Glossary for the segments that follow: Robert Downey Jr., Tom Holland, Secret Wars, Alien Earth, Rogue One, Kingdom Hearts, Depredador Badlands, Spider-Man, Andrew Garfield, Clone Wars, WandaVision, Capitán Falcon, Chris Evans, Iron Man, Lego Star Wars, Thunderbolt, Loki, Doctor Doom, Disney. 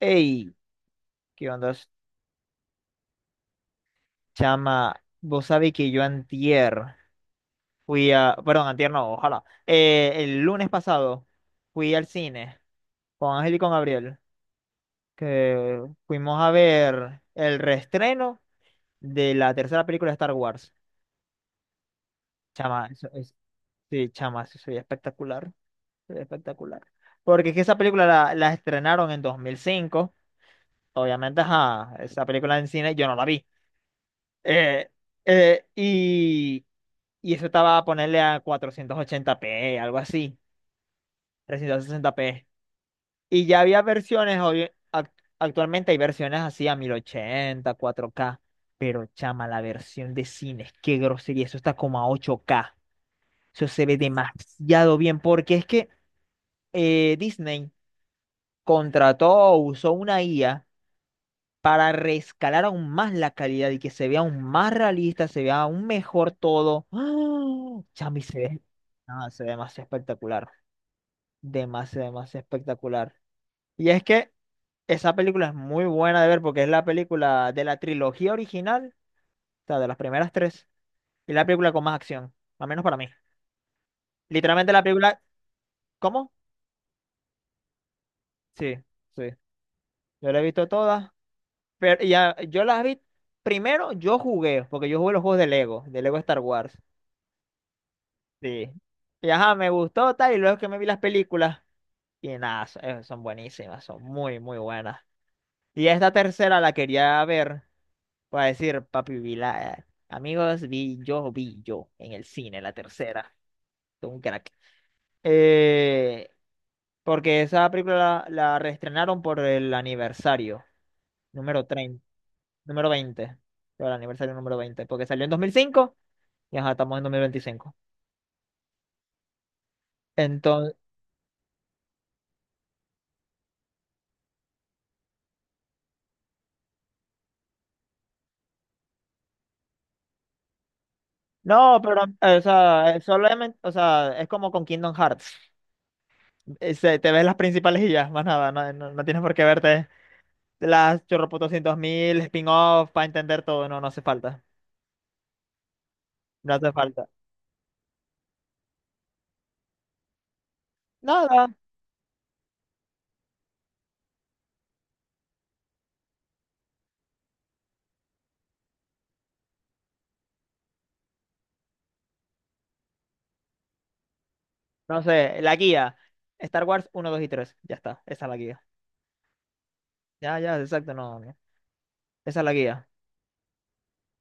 Ey, ¿qué onda, chama? Vos sabés que yo antier Perdón, antier no, ojalá. El lunes pasado fui al cine con Ángel y con Gabriel, que fuimos a ver el reestreno de la tercera película de Star Wars. Chama, Sí, chama, eso sería espectacular. Sería espectacular. Porque es que esa película la estrenaron en 2005. Obviamente, ajá, esa película en cine yo no la vi. Eh, eh, y, y eso estaba a ponerle a 480p, algo así, 360p. Y ya había versiones, actualmente hay versiones así a 1080 4K, pero chama, la versión de cines, qué grosería, eso está como a 8K. Eso se ve demasiado bien, porque es que Disney contrató o usó una IA para rescalar aún más la calidad y que se vea aún más realista, se vea aún mejor todo. ¡Ah! Chami, se ve demasiado espectacular, demasiado, demasiado espectacular. Y es que esa película es muy buena de ver porque es la película de la trilogía original, o sea, de las primeras tres, y la película con más acción, al menos para mí. Literalmente la película, ¿cómo? Sí, sí, yo la he visto todas, pero ya, yo las vi, primero yo jugué, porque yo jugué los juegos de Lego Star Wars. Sí. Y ajá, me gustó tal, y luego que me vi las películas, y nada, son buenísimas, son muy, muy buenas. Y esta tercera la quería ver, para decir, papi, amigos, vi yo, en el cine, la tercera. Todo un crack. Eh, Porque esa película la reestrenaron por el aniversario, número 30 número veinte por el aniversario número 20 porque salió en 2005 y ajá, estamos en 2025. No, pero, o sea, solamente, o sea, es como con Kingdom Hearts. Te ves las principales y ya, más nada, no, no tienes por qué verte las chorroputos mil spin-off para entender todo, no, no hace falta, no hace falta. Nada, no sé, la guía, Star Wars uno, 2 y 3, ya está, esa es la guía. Ya, ya, exacto, no, no, esa es la guía.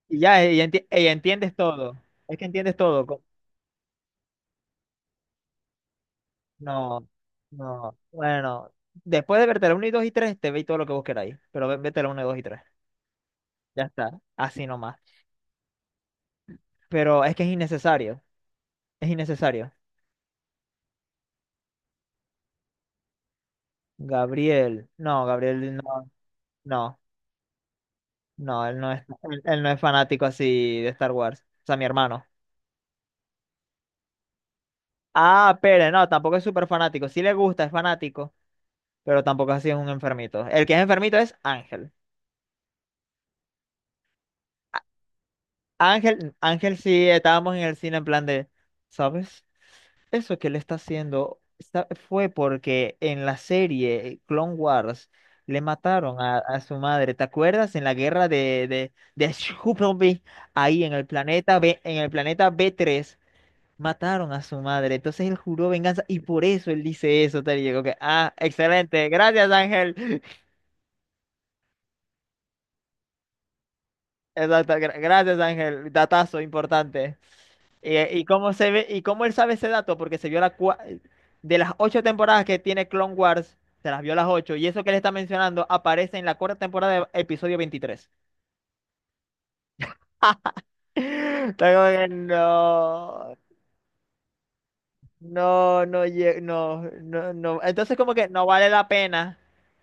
Y ya, y entiendes todo, es que entiendes todo. No, no, bueno, después de verte la uno y 2 y 3 te veis todo lo que vos queráis, pero vete la uno, 2 y 3. Ya está, así nomás. Pero es que es innecesario, es innecesario. Gabriel, no, no, él no es fanático así de Star Wars. O sea, mi hermano. Ah, Pérez, no, tampoco es súper fanático. Sí le gusta, es fanático, pero tampoco así es un enfermito. El que es enfermito es Ángel. Ángel sí, estábamos en el cine en plan de, ¿sabes? Eso que le está haciendo fue porque en la serie Clone Wars le mataron a su madre. ¿Te acuerdas? En la guerra de Scoopleby, ahí en el planeta B, en el planeta b tres mataron a su madre. Entonces él juró venganza y por eso él dice eso, tal y llegó que, ah, excelente, gracias Ángel. Exacto, gracias Ángel, datazo importante. ¿Y, cómo él sabe ese dato? Porque se vio de las 8 temporadas que tiene Clone Wars, se las vio las ocho, y eso que él está mencionando aparece en la cuarta temporada de episodio 23. Está como que no, no, no, no, no, no. Entonces como que no vale la pena,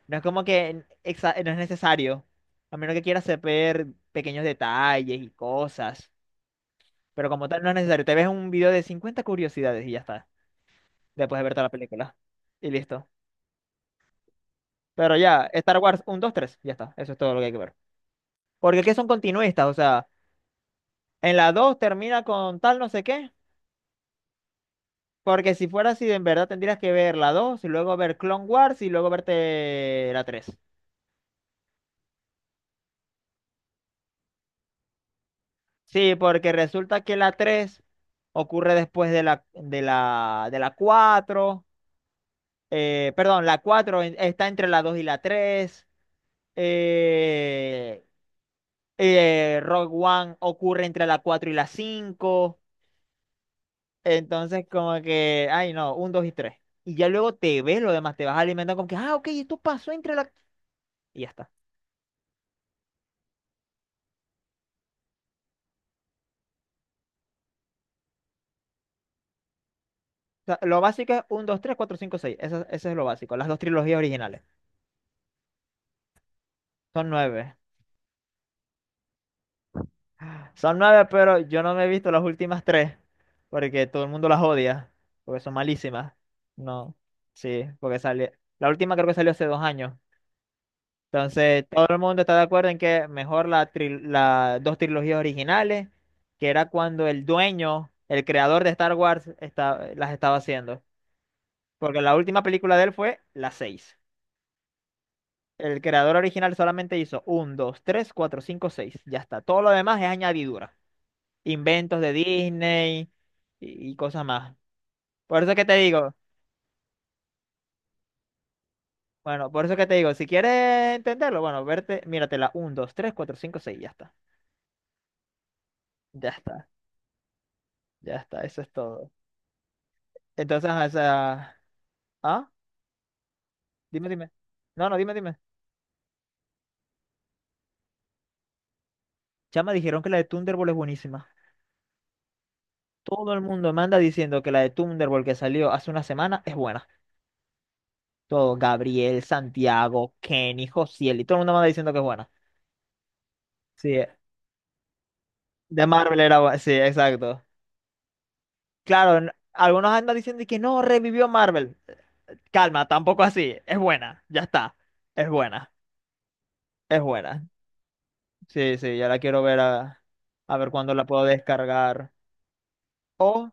no es como que no es necesario, a menos que quieras ver pequeños detalles y cosas, pero como tal no es necesario. Te ves un video de 50 curiosidades y ya está, después de verte la película. Y listo. Pero ya, Star Wars 1, 2, 3, ya está, eso es todo lo que hay que ver. Porque es que son continuistas, o sea, en la dos termina con tal no sé qué, porque si fuera así, en verdad tendrías que ver la 2 y luego ver Clone Wars y luego verte la tres. Sí, porque resulta que la 3 ocurre después de la cuatro. Perdón, la cuatro está entre la 2 y la tres. eh, Rogue One ocurre entre la 4 y la cinco. Entonces, como que, ay, no, un, dos y tres. Y ya luego te ves lo demás, te vas alimentando como que, ah, ok, esto pasó Y ya está. O sea, lo básico es un, dos, tres, cuatro, cinco, seis. Eso es lo básico. Las dos trilogías originales. Son nueve. Son nueve, pero yo no me he visto las últimas tres. Porque todo el mundo las odia. Porque son malísimas. No. Sí, porque La última creo que salió hace 2 años. Entonces, todo el mundo está de acuerdo en que mejor las dos trilogías originales, que era cuando el dueño, el creador de Star Wars, las estaba haciendo. Porque la última película de él fue la 6. El creador original solamente hizo uno, 2, 3, 4, 5, seis. Ya está. Todo lo demás es añadidura. Inventos de Disney y cosas más. Por eso que te digo, bueno, por eso que te digo, si quieres entenderlo, bueno, míratela uno, 2, 3, 4, 5, seis. Ya está. Ya está. Ya está. Eso es todo. Entonces, ajá, Ah, dime, dime. No, no, dime, dime. Chama, dijeron que la de Thunderbolt es buenísima. Todo el mundo manda diciendo que la de Thunderbolt que salió hace una semana es buena. Todo, Gabriel, Santiago, Kenny, Josiel, y todo el mundo manda diciendo que es buena. Sí, de Marvel era buena. Sí, exacto. Claro, algunos andan diciendo que no, revivió Marvel. Calma, tampoco así. Es buena, ya está. Es buena, es buena. Sí, sí, ya la quiero ver a ver cuándo la puedo descargar. O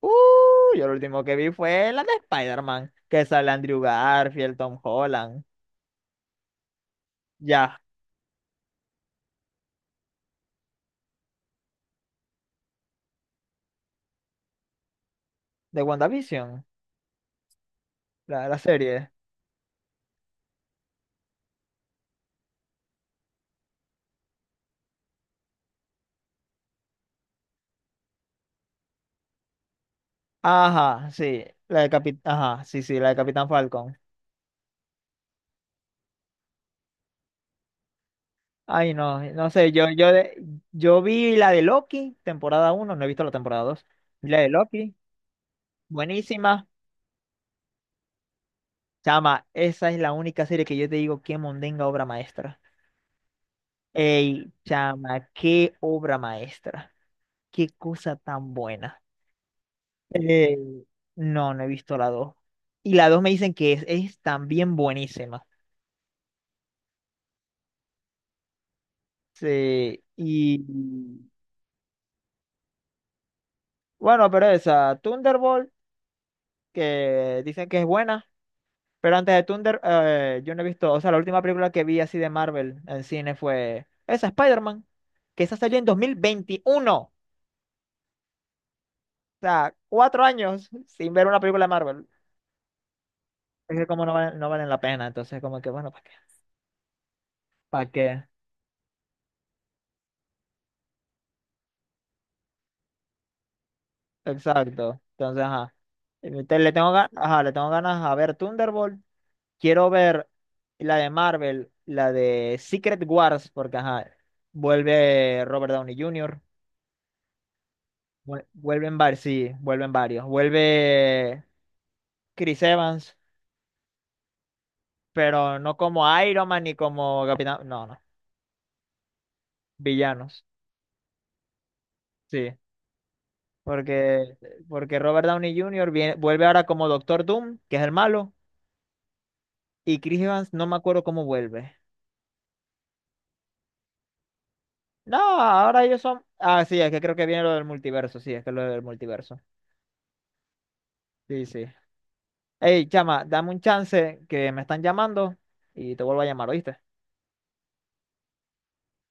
Uh, yo lo último que vi fue la de Spider-Man, que sale Andrew Garfield, Tom Holland, ya, de WandaVision, la serie. Ajá, sí, ajá, sí, sí, la de Capitán Falcon. Ay, no, no sé, yo vi la de Loki, temporada 1. No he visto la temporada 2. Vi la de Loki, buenísima. Chama, esa es la única serie que yo te digo que mondenga obra maestra. Ey, chama, qué obra maestra, qué cosa tan buena. Eh, no, no he visto la dos. Y la 2 me dicen que es también buenísima. Sí, y bueno, pero esa, Thunderbolt, que dicen que es buena, pero yo no he visto, o sea, la última película que vi así de Marvel en cine fue esa, Spider-Man, que esa salió en 2021. O sea, 4 años sin ver una película de Marvel. Es que como no, no valen la pena, entonces como que bueno, ¿para qué? ¿Para qué? Exacto. Entonces, ajá. Le tengo ganas, ajá, le tengo ganas a ver Thunderbolt. Quiero ver la de Marvel, la de Secret Wars, porque ajá, vuelve Robert Downey Jr. Vuelven varios, sí, vuelven varios. Vuelve Chris Evans, pero no como Iron Man ni como Capitán, no, no, villanos, sí. Porque, porque Robert Downey Jr. Vuelve ahora como Doctor Doom, que es el malo, y Chris Evans no me acuerdo cómo vuelve. No, ahora ellos son. Ah, sí, es que creo que viene lo del multiverso. Sí, es que es lo del multiverso. Sí, sí. Ey, chama, dame un chance que me están llamando y te vuelvo a llamar, ¿oíste?